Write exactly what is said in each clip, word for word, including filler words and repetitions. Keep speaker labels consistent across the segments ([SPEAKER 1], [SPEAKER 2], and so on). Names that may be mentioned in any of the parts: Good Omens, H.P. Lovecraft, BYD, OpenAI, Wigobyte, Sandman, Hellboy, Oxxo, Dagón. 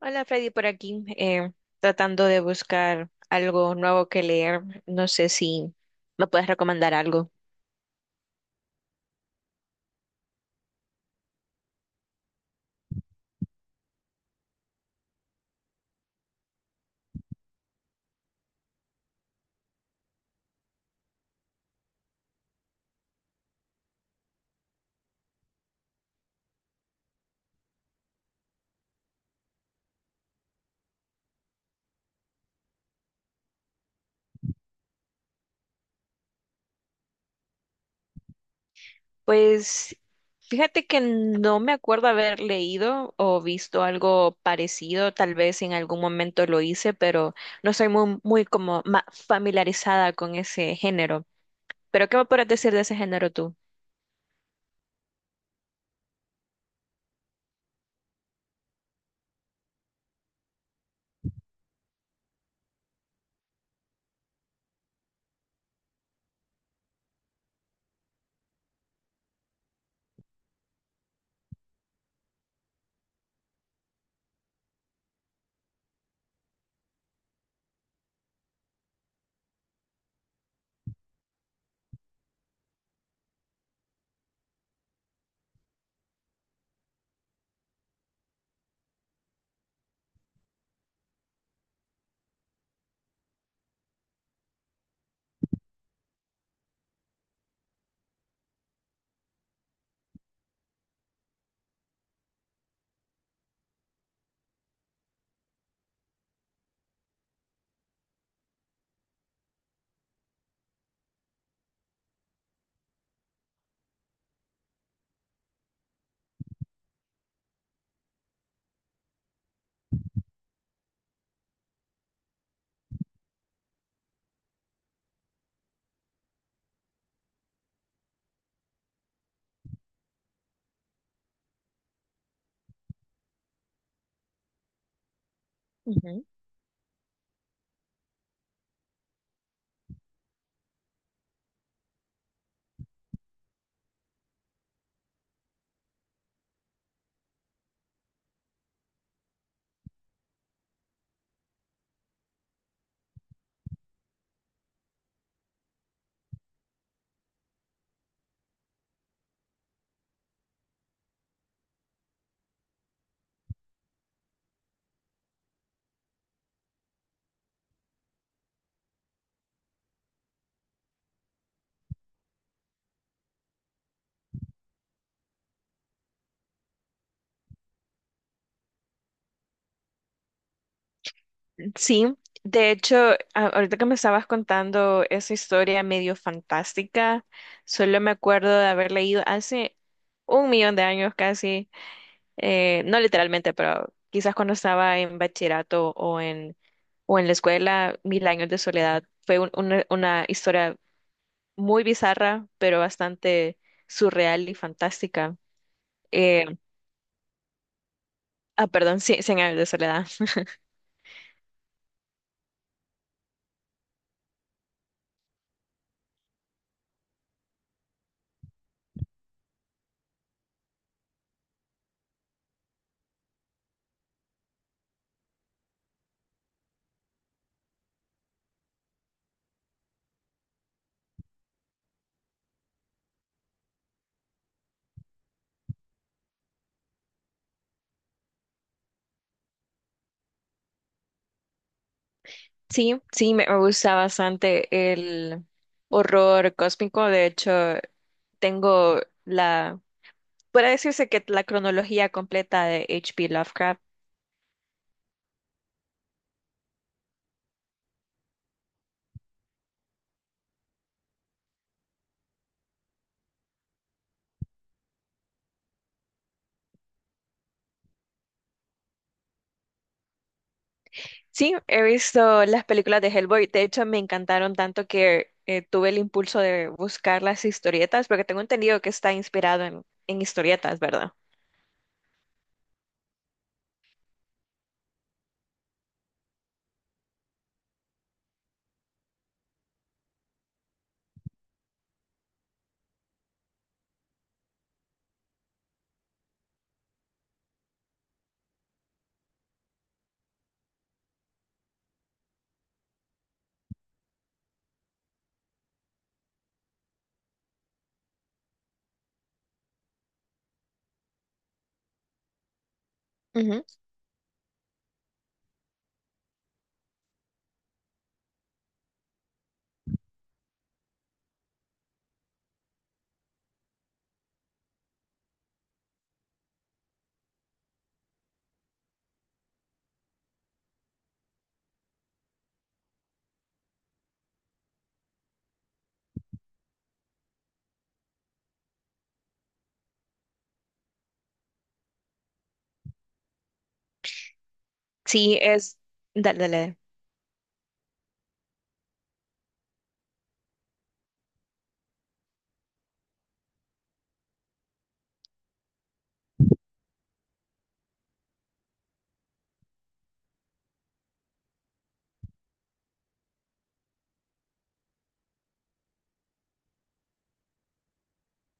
[SPEAKER 1] Hola Freddy, por aquí, eh, tratando de buscar algo nuevo que leer. No sé si me puedes recomendar algo. Pues fíjate que no me acuerdo haber leído o visto algo parecido. Tal vez en algún momento lo hice, pero no soy muy, muy como ma- familiarizada con ese género. ¿Pero qué me puedes decir de ese género tú? Sí, de hecho, a- ahorita que me estabas contando esa historia medio fantástica, solo me acuerdo de haber leído hace un millón de años casi, eh, no literalmente, pero quizás cuando estaba en bachillerato o en, o en la escuela, Mil años de soledad. Fue un- una, una historia muy bizarra, pero bastante surreal y fantástica. Eh, ah, perdón, sí, Cien años de soledad. Sí, sí, me me gusta bastante el horror cósmico. De hecho, tengo la, puede decirse que la cronología completa de H P. Lovecraft. Sí, he visto las películas de Hellboy. De hecho, me encantaron tanto que eh, tuve el impulso de buscar las historietas, porque tengo entendido que está inspirado en, en historietas, ¿verdad? Ujú. Sí, es... Dale, dale.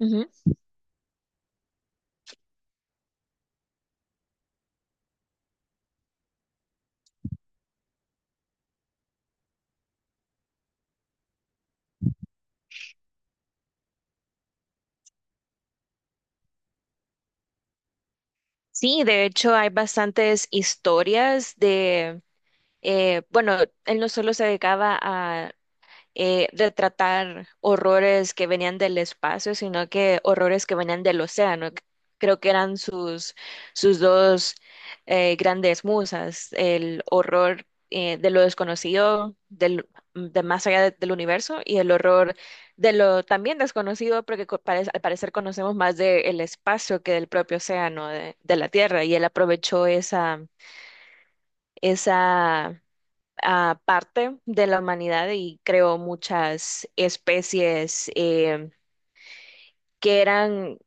[SPEAKER 1] Ujú. Sí, de hecho hay bastantes historias eh, bueno, él no solo se dedicaba a eh, retratar horrores que venían del espacio, sino que horrores que venían del océano. Creo que eran sus, sus dos eh, grandes musas, el horror eh, de lo desconocido, del, de más allá de- del universo, y el horror de lo también desconocido, porque co- pare- al parecer conocemos más del espacio que del propio océano, de, de la Tierra, y él aprovechó esa, esa ah, parte de la humanidad y creó muchas especies eh, que eran,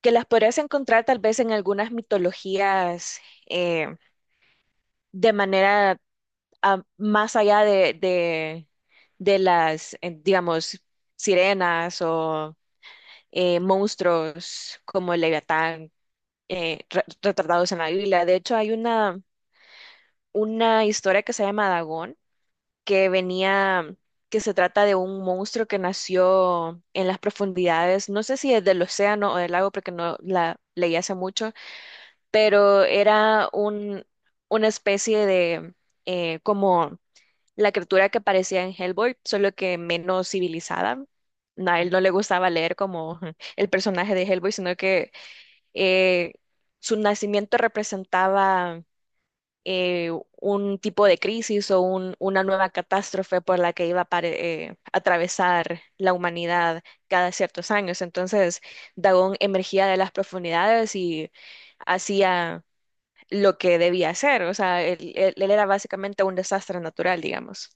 [SPEAKER 1] que las podrías encontrar tal vez en algunas mitologías eh, de manera ah, más allá de, de, de las, eh, digamos, sirenas o eh, monstruos como el Leviatán eh, re- retratados en la Biblia. De hecho, hay una, una historia que se llama Dagón que venía, que se trata de un monstruo que nació en las profundidades, no sé si es del océano o del lago, porque no la leí hace mucho, pero era un, una especie de, eh, como la criatura que parecía en Hellboy, solo que menos civilizada. No, a él no le gustaba leer como el personaje de Hellboy, sino que eh, su nacimiento representaba eh, un tipo de crisis o un- una nueva catástrofe por la que iba a pare- eh, atravesar la humanidad cada ciertos años. Entonces, Dagón emergía de las profundidades y hacía lo que debía hacer. O sea, él, él- él era básicamente un desastre natural, digamos.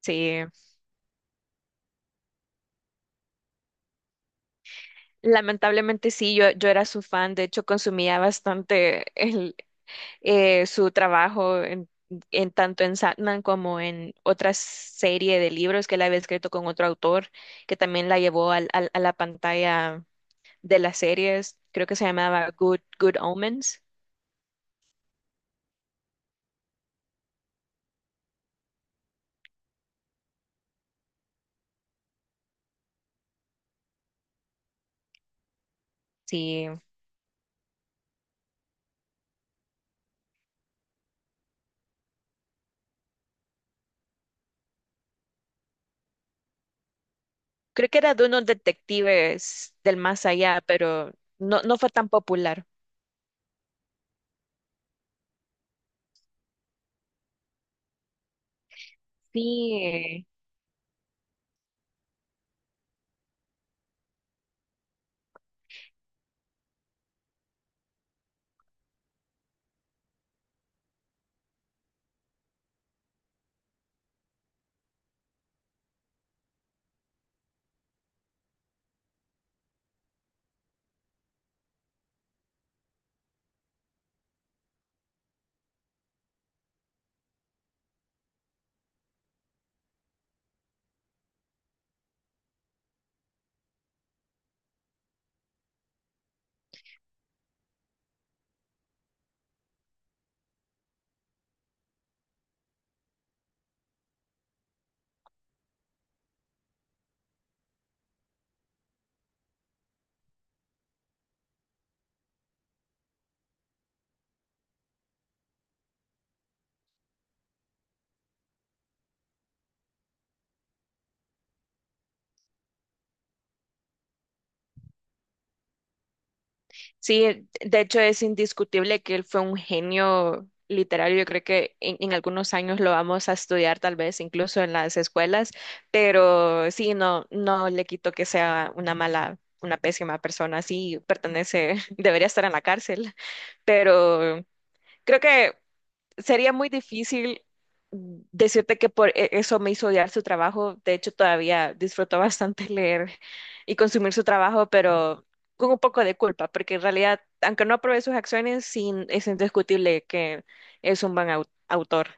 [SPEAKER 1] Sí, lamentablemente sí, yo, yo era su fan, de hecho consumía bastante eh, su trabajo en, en tanto en Sandman como en otra serie de libros que él había escrito con otro autor, que también la llevó al- al- a la pantalla de las series. Creo que se llamaba Good, Good Omens. Sí, creo que era de unos detectives del más allá, pero no, no fue tan popular. Sí, sí, de hecho es indiscutible que él fue un genio literario. Yo creo que en, en algunos años lo vamos a estudiar, tal vez incluso en las escuelas, pero sí, no, no le quito que sea una mala, una pésima persona. Sí, pertenece, debería estar en la cárcel, pero creo que sería muy difícil decirte que por e- eso me hizo odiar su trabajo. De hecho, todavía disfruto bastante leer y consumir su trabajo, pero con un poco de culpa, porque en realidad, aunque no apruebe sus acciones, sí, es indiscutible que es un buen au- autor.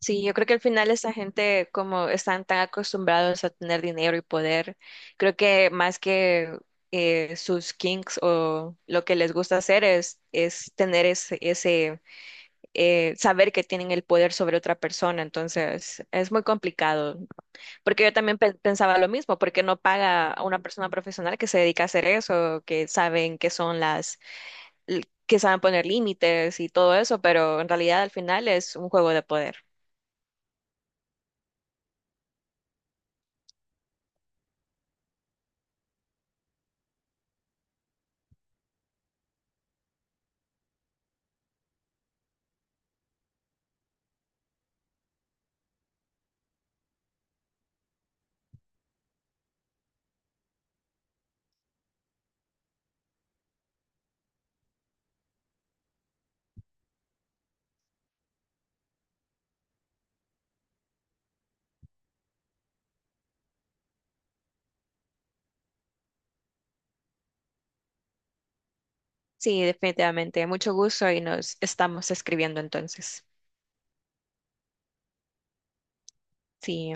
[SPEAKER 1] Sí, yo creo que al final esta gente, como están tan acostumbrados a tener dinero y poder, creo que más que eh, sus kinks o lo que les gusta hacer es, es tener ese, ese eh, saber que tienen el poder sobre otra persona. Entonces, es muy complicado. Porque yo también pe- pensaba lo mismo, porque no paga a una persona profesional que se dedica a hacer eso, que saben que son las, l- que saben poner límites y todo eso, pero en realidad al final es un juego de poder. Sí, definitivamente. Mucho gusto y nos estamos escribiendo entonces. Sí.